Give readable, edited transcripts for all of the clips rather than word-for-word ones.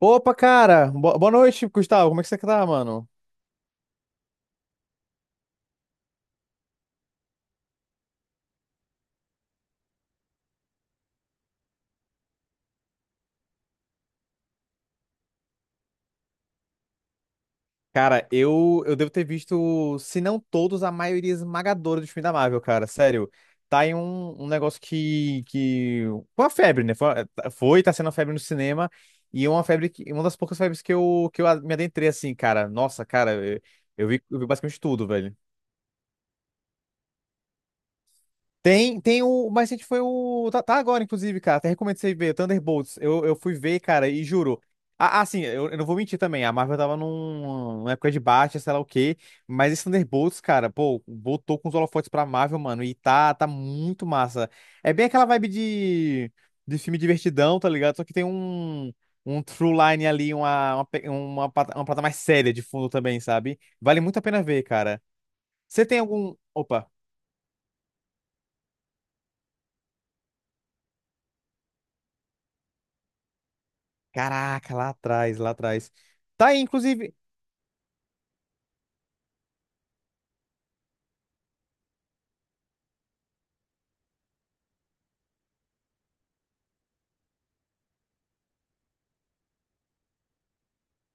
Opa, cara! Boa noite, Gustavo. Como é que você tá, mano? Cara, eu devo ter visto, se não todos, a maioria esmagadora dos filmes da Marvel, cara. Sério. Tá em um negócio que. Foi uma febre, né? Foi, tá sendo uma febre no cinema. E uma febre que. Uma das poucas febres que eu me adentrei assim, cara. Nossa, cara, eu vi basicamente tudo, velho. Tem o. O mais recente foi o. Tá, tá agora, inclusive, cara. Até recomendo você ver, Thunderbolts. Eu fui ver, cara, e juro. Ah, assim, eu não vou mentir também. A Marvel tava numa época de baixa, sei lá o quê. Mas esse Thunderbolts, cara, pô, botou com os holofotes pra Marvel, mano. E tá muito massa. É bem aquela vibe de filme divertidão, tá ligado? Só que tem um true line ali, uma, pe- uma, pata- uma parada mais séria de fundo também, sabe? Vale muito a pena ver, cara. Você tem algum. Opa. Caraca, lá atrás. Tá aí, inclusive.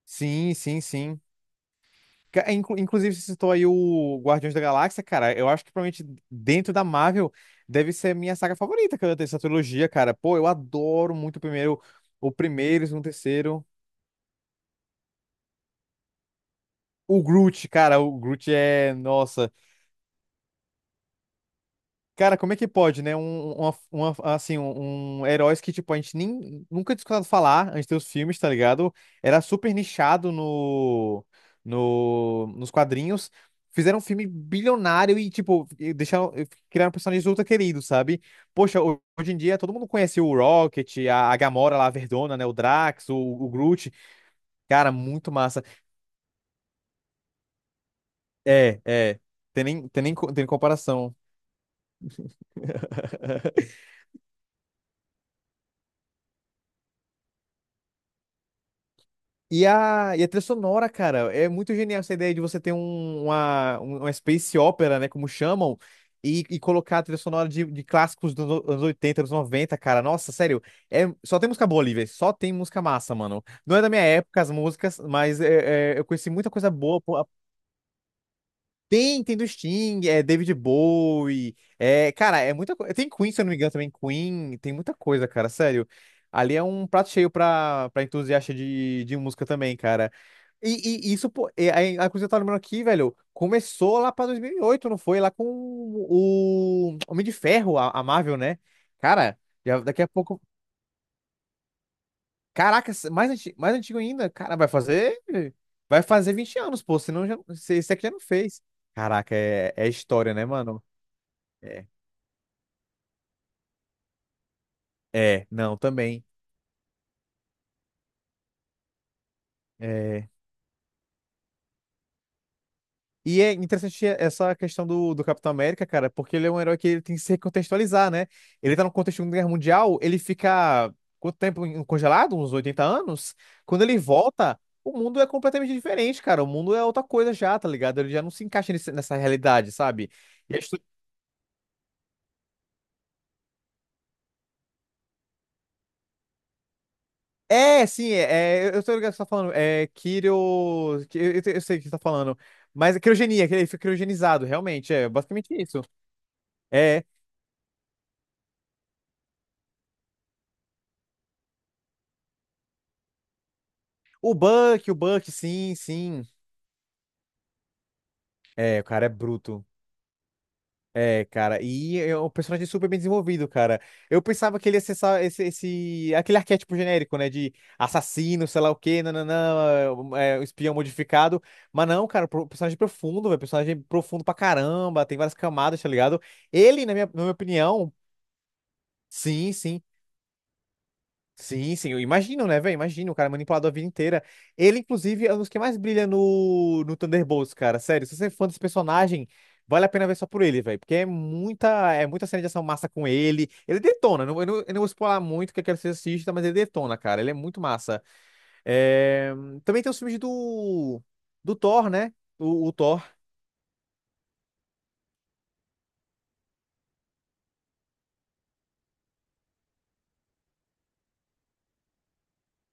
Sim, sim, sim. Inclusive, você citou aí o Guardiões da Galáxia, cara. Eu acho que provavelmente dentro da Marvel deve ser a minha saga favorita, cara, dessa trilogia, cara. Pô, eu adoro muito o primeiro, o segundo, o terceiro. O Groot, cara, o Groot é. Nossa. Cara, como é que pode, né? Um, uma, Um heróis que, tipo, a gente nem, nunca tinha escutado falar antes dos filmes, tá ligado? Era super nichado no, no, nos quadrinhos. Fizeram um filme bilionário e, tipo, e criaram personagens ultra queridos, sabe? Poxa, hoje em dia todo mundo conhece o Rocket, a Gamora lá, a Verdona, né? O Drax, o Groot. Cara, muito massa. É, é. Tem nem, co- Tem comparação. E a trilha sonora, cara, é muito genial essa ideia de você ter uma space opera, né, como chamam, e colocar a trilha sonora de clássicos dos anos 80 anos noventa, cara. Nossa, sério, é, só tem música boa ali, velho, só tem música massa, mano. Não é da minha época as músicas, mas eu conheci muita coisa boa. Tem do Sting, é David Bowie, é, cara, é muita coisa. Tem Queen, se eu não me engano, também Queen, tem muita coisa, cara, sério. Ali é um prato cheio pra entusiasta de música também, cara. E isso, pô, é, aí, a coisa que eu tava lembrando aqui, velho, começou lá pra 2008, não foi? Lá com o Homem de Ferro, a Marvel, né? Cara, já, daqui a pouco. Caraca, mais antigo ainda. Cara, vai fazer. Vai fazer 20 anos, pô. Senão já, esse aqui já não fez. Caraca, é, é história, né, mano? É. É, não, também. É. E é interessante essa questão do Capitão América, cara, porque ele é um herói que ele tem que se recontextualizar, né? Ele tá no contexto de uma Guerra Mundial, ele fica quanto tempo congelado? Uns 80 anos? Quando ele volta, o mundo é completamente diferente, cara. O mundo é outra coisa já, tá ligado? Ele já não se encaixa nessa realidade, sabe? E a é, sim, é, é, eu tô ligado o que você tá falando. É Kiro. Eu sei o que você tá falando. Mas é criogenia, que ele foi criogenizado, realmente. É basicamente isso. É. O Buck, sim, sim. É, o cara é bruto. É, cara. E é um personagem super bem desenvolvido, cara. Eu pensava que ele ia ser aquele arquétipo genérico, né? De assassino, sei lá o quê, nananã, um espião modificado. Mas não, cara, personagem é profundo, velho. Personagem profundo pra caramba, tem várias camadas, tá ligado? Ele, na minha opinião. Sim, sim. Sim, sim. Eu imagino, né, velho? Imagino, o cara é manipulado a vida inteira. Ele, inclusive, é um dos que mais brilha no Thunderbolts, cara. Sério, se você é fã desse personagem, vale a pena ver só por ele, velho. Porque é muita cena de ação massa com ele. Ele detona. Eu não vou spoiler muito que eu quero que você assista, mas ele detona, cara. Ele é muito massa. É, também tem os filmes do Thor, né? O Thor.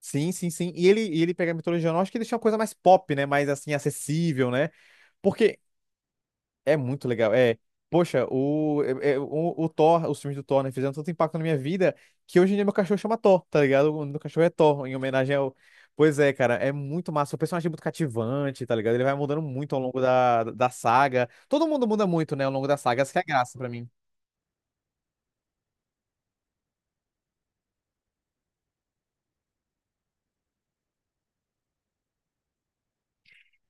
Sim, sim, sim. E ele pega a mitologia nórdica e deixa uma coisa mais pop, né? Mais, assim, acessível, né? Porque é muito legal. É, poxa, o, é- é- o Thor, os filmes do Thor, né, fizeram tanto impacto na minha vida que hoje em dia meu cachorro chama Thor, tá ligado? O nome do cachorro é Thor, em homenagem ao. Pois é, cara, é muito massa. O personagem é muito cativante, tá ligado? Ele vai mudando muito ao longo da saga. Todo mundo muda muito, né, ao longo da saga. Essa que é a graça pra mim.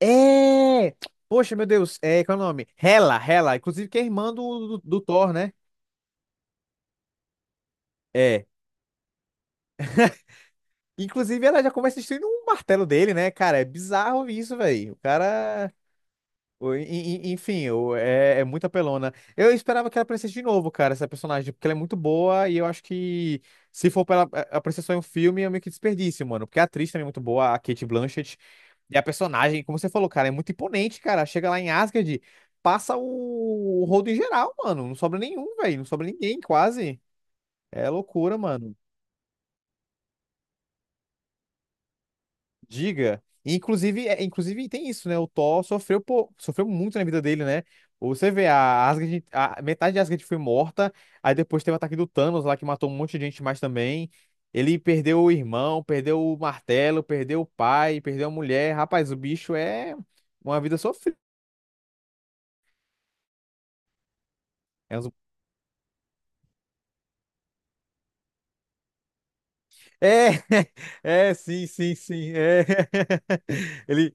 É! Poxa, meu Deus, é, qual é o nome? Hela, inclusive que é irmã do Thor, né? É. Inclusive, ela já começa destruindo um martelo dele, né, cara? É bizarro isso, velho. O cara O- e- enfim, é, é muito apelona. Eu esperava que ela aparecesse de novo, cara, essa personagem, porque ela é muito boa e eu acho que se for pra ela aparecer só em um filme é meio que desperdício, mano. Porque a atriz também é muito boa, a Kate Blanchett. E a personagem, como você falou, cara, é muito imponente, cara. Chega lá em Asgard, passa o rodo em geral, mano. Não sobra nenhum, velho. Não sobra ninguém, quase. É loucura, mano. Diga. Inclusive tem isso, né? O Thor sofreu, pô, sofreu muito na vida dele, né? Você vê, a Asgard, a metade de Asgard foi morta, aí depois teve o ataque do Thanos lá, que matou um monte de gente mais também. Ele perdeu o irmão, perdeu o martelo, perdeu o pai, perdeu a mulher. Rapaz, o bicho é uma vida sofrida. É, um zumbi. É, é, sim, sim, sim. É. Ele,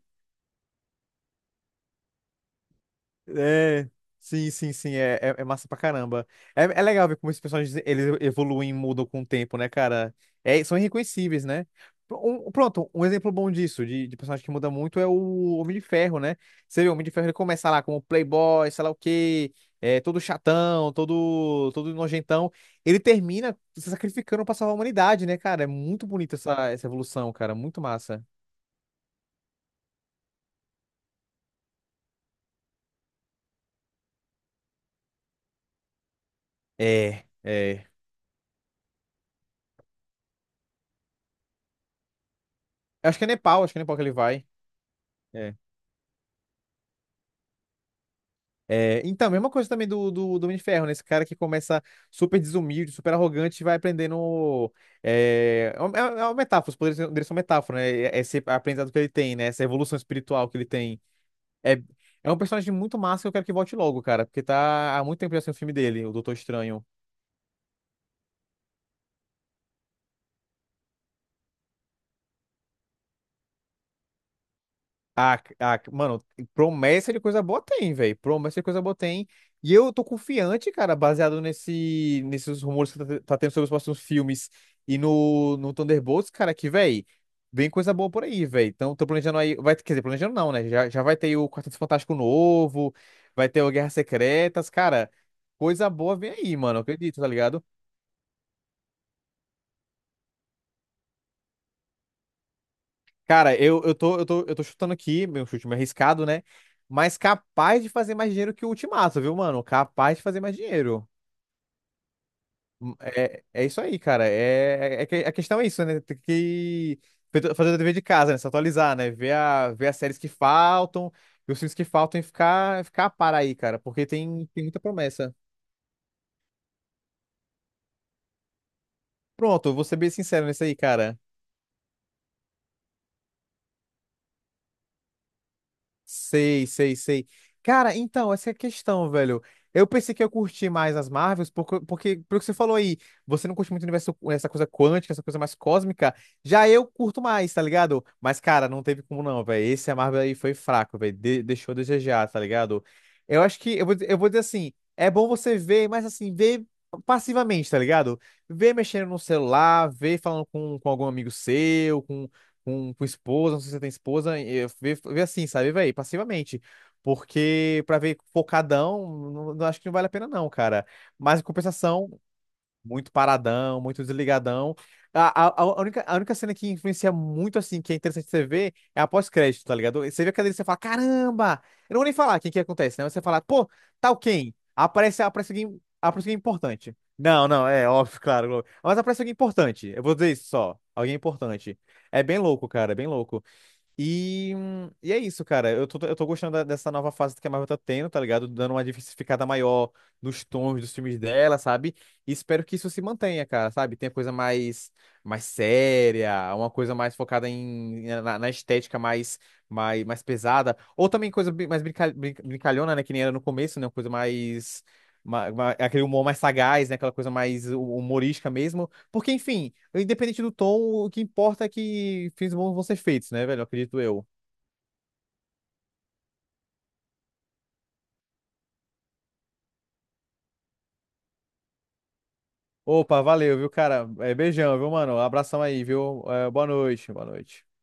é, sim, sim, sim, é massa pra caramba. É, é legal ver como esses personagens eles evoluem e mudam com o tempo, né, cara? É, são irreconhecíveis, né? Um exemplo bom disso, de personagem que muda muito, é o Homem de Ferro, né? Você vê, o Homem de Ferro ele começa lá como playboy, sei lá o quê, é, todo chatão, todo nojentão. Ele termina se sacrificando pra salvar a humanidade, né, cara? É muito bonita essa evolução, cara, muito massa. É, é. Acho que é Nepal que ele vai. É. É, então, mesma coisa também do Homem de Ferro, né? Esse cara que começa super desumilde, super arrogante, e vai aprendendo. É uma metáfora, os poderes dele são metáfora, né? Esse aprendizado que ele tem, né? Essa evolução espiritual que ele tem. É, é um personagem muito massa que eu quero que volte logo, cara, porque tá há muito tempo já sem o filme dele, o Doutor Estranho. Mano, promessa de coisa boa tem, velho. Promessa de coisa boa tem. E eu tô confiante, cara, baseado nesses rumores que tá tendo sobre os próximos filmes e no Thunderbolts, cara, que, velho, vem coisa boa por aí, velho. Então, tô planejando aí. Vai, quer dizer, planejando não, né? Já vai ter o Quarteto Fantástico novo, vai ter o Guerras Secretas, cara. Coisa boa vem aí, mano. Eu acredito, tá ligado? Cara, eu tô chutando aqui, meu chute meio arriscado, né? Mas capaz de fazer mais dinheiro que o Ultimato, viu, mano? Capaz de fazer mais dinheiro. É, é isso aí, cara. A questão é isso, né? Tem que fazer o dever de casa, né? Se atualizar, né? Ver as séries que faltam, ver os filmes que faltam e ficar a par aí, cara. Porque tem muita promessa. Pronto, eu vou ser bem sincero nisso aí, cara. Sei, sei, sei. Cara, então, essa é a questão, velho. Eu pensei que eu curti mais as Marvels, porque pelo que você falou aí, você não curte muito o universo, essa coisa quântica, essa coisa mais cósmica. Já eu curto mais, tá ligado? Mas, cara, não teve como não, velho. Esse a Marvel aí foi fraco, velho. Deixou a desejar, tá ligado? Eu acho que, eu vou dizer assim, é bom você ver, mas assim, ver passivamente, tá ligado? Ver mexendo no celular, ver falando com algum amigo seu, com esposa, não sei se você tem esposa, e eu vê assim, sabe, velho, passivamente. Porque pra ver focadão, não acho que não vale a pena não, cara. Mas em compensação, muito paradão, muito desligadão. A única cena que influencia muito, assim, que é interessante você ver, é a pós-crédito, tá ligado? Você vê a cadeira e você fala, caramba! Eu não vou nem falar quem que acontece, né? Você fala, pô, tal quem? Aparece alguém importante. Não, não, é óbvio, claro. Mas aparece alguém importante. Eu vou dizer isso só. Alguém importante. É bem louco, cara, é bem louco. E é isso, cara. Eu tô gostando dessa nova fase que a Marvel tá tendo, tá ligado? Dando uma diversificada maior nos tons dos filmes dela, sabe? E espero que isso se mantenha, cara, sabe? Tem coisa mais, mais séria, uma coisa mais focada na estética mais, mais pesada. Ou também coisa brincalhona, né? Que nem era no começo, né? Uma coisa mais. Aquele humor mais sagaz, né? Aquela coisa mais humorística mesmo. Porque, enfim, independente do tom, o que importa é que filmes bons vão ser feitos, né, velho? Acredito eu. Opa, valeu, viu, cara? É, beijão, viu, mano? Abração aí, viu? É, boa noite, boa noite.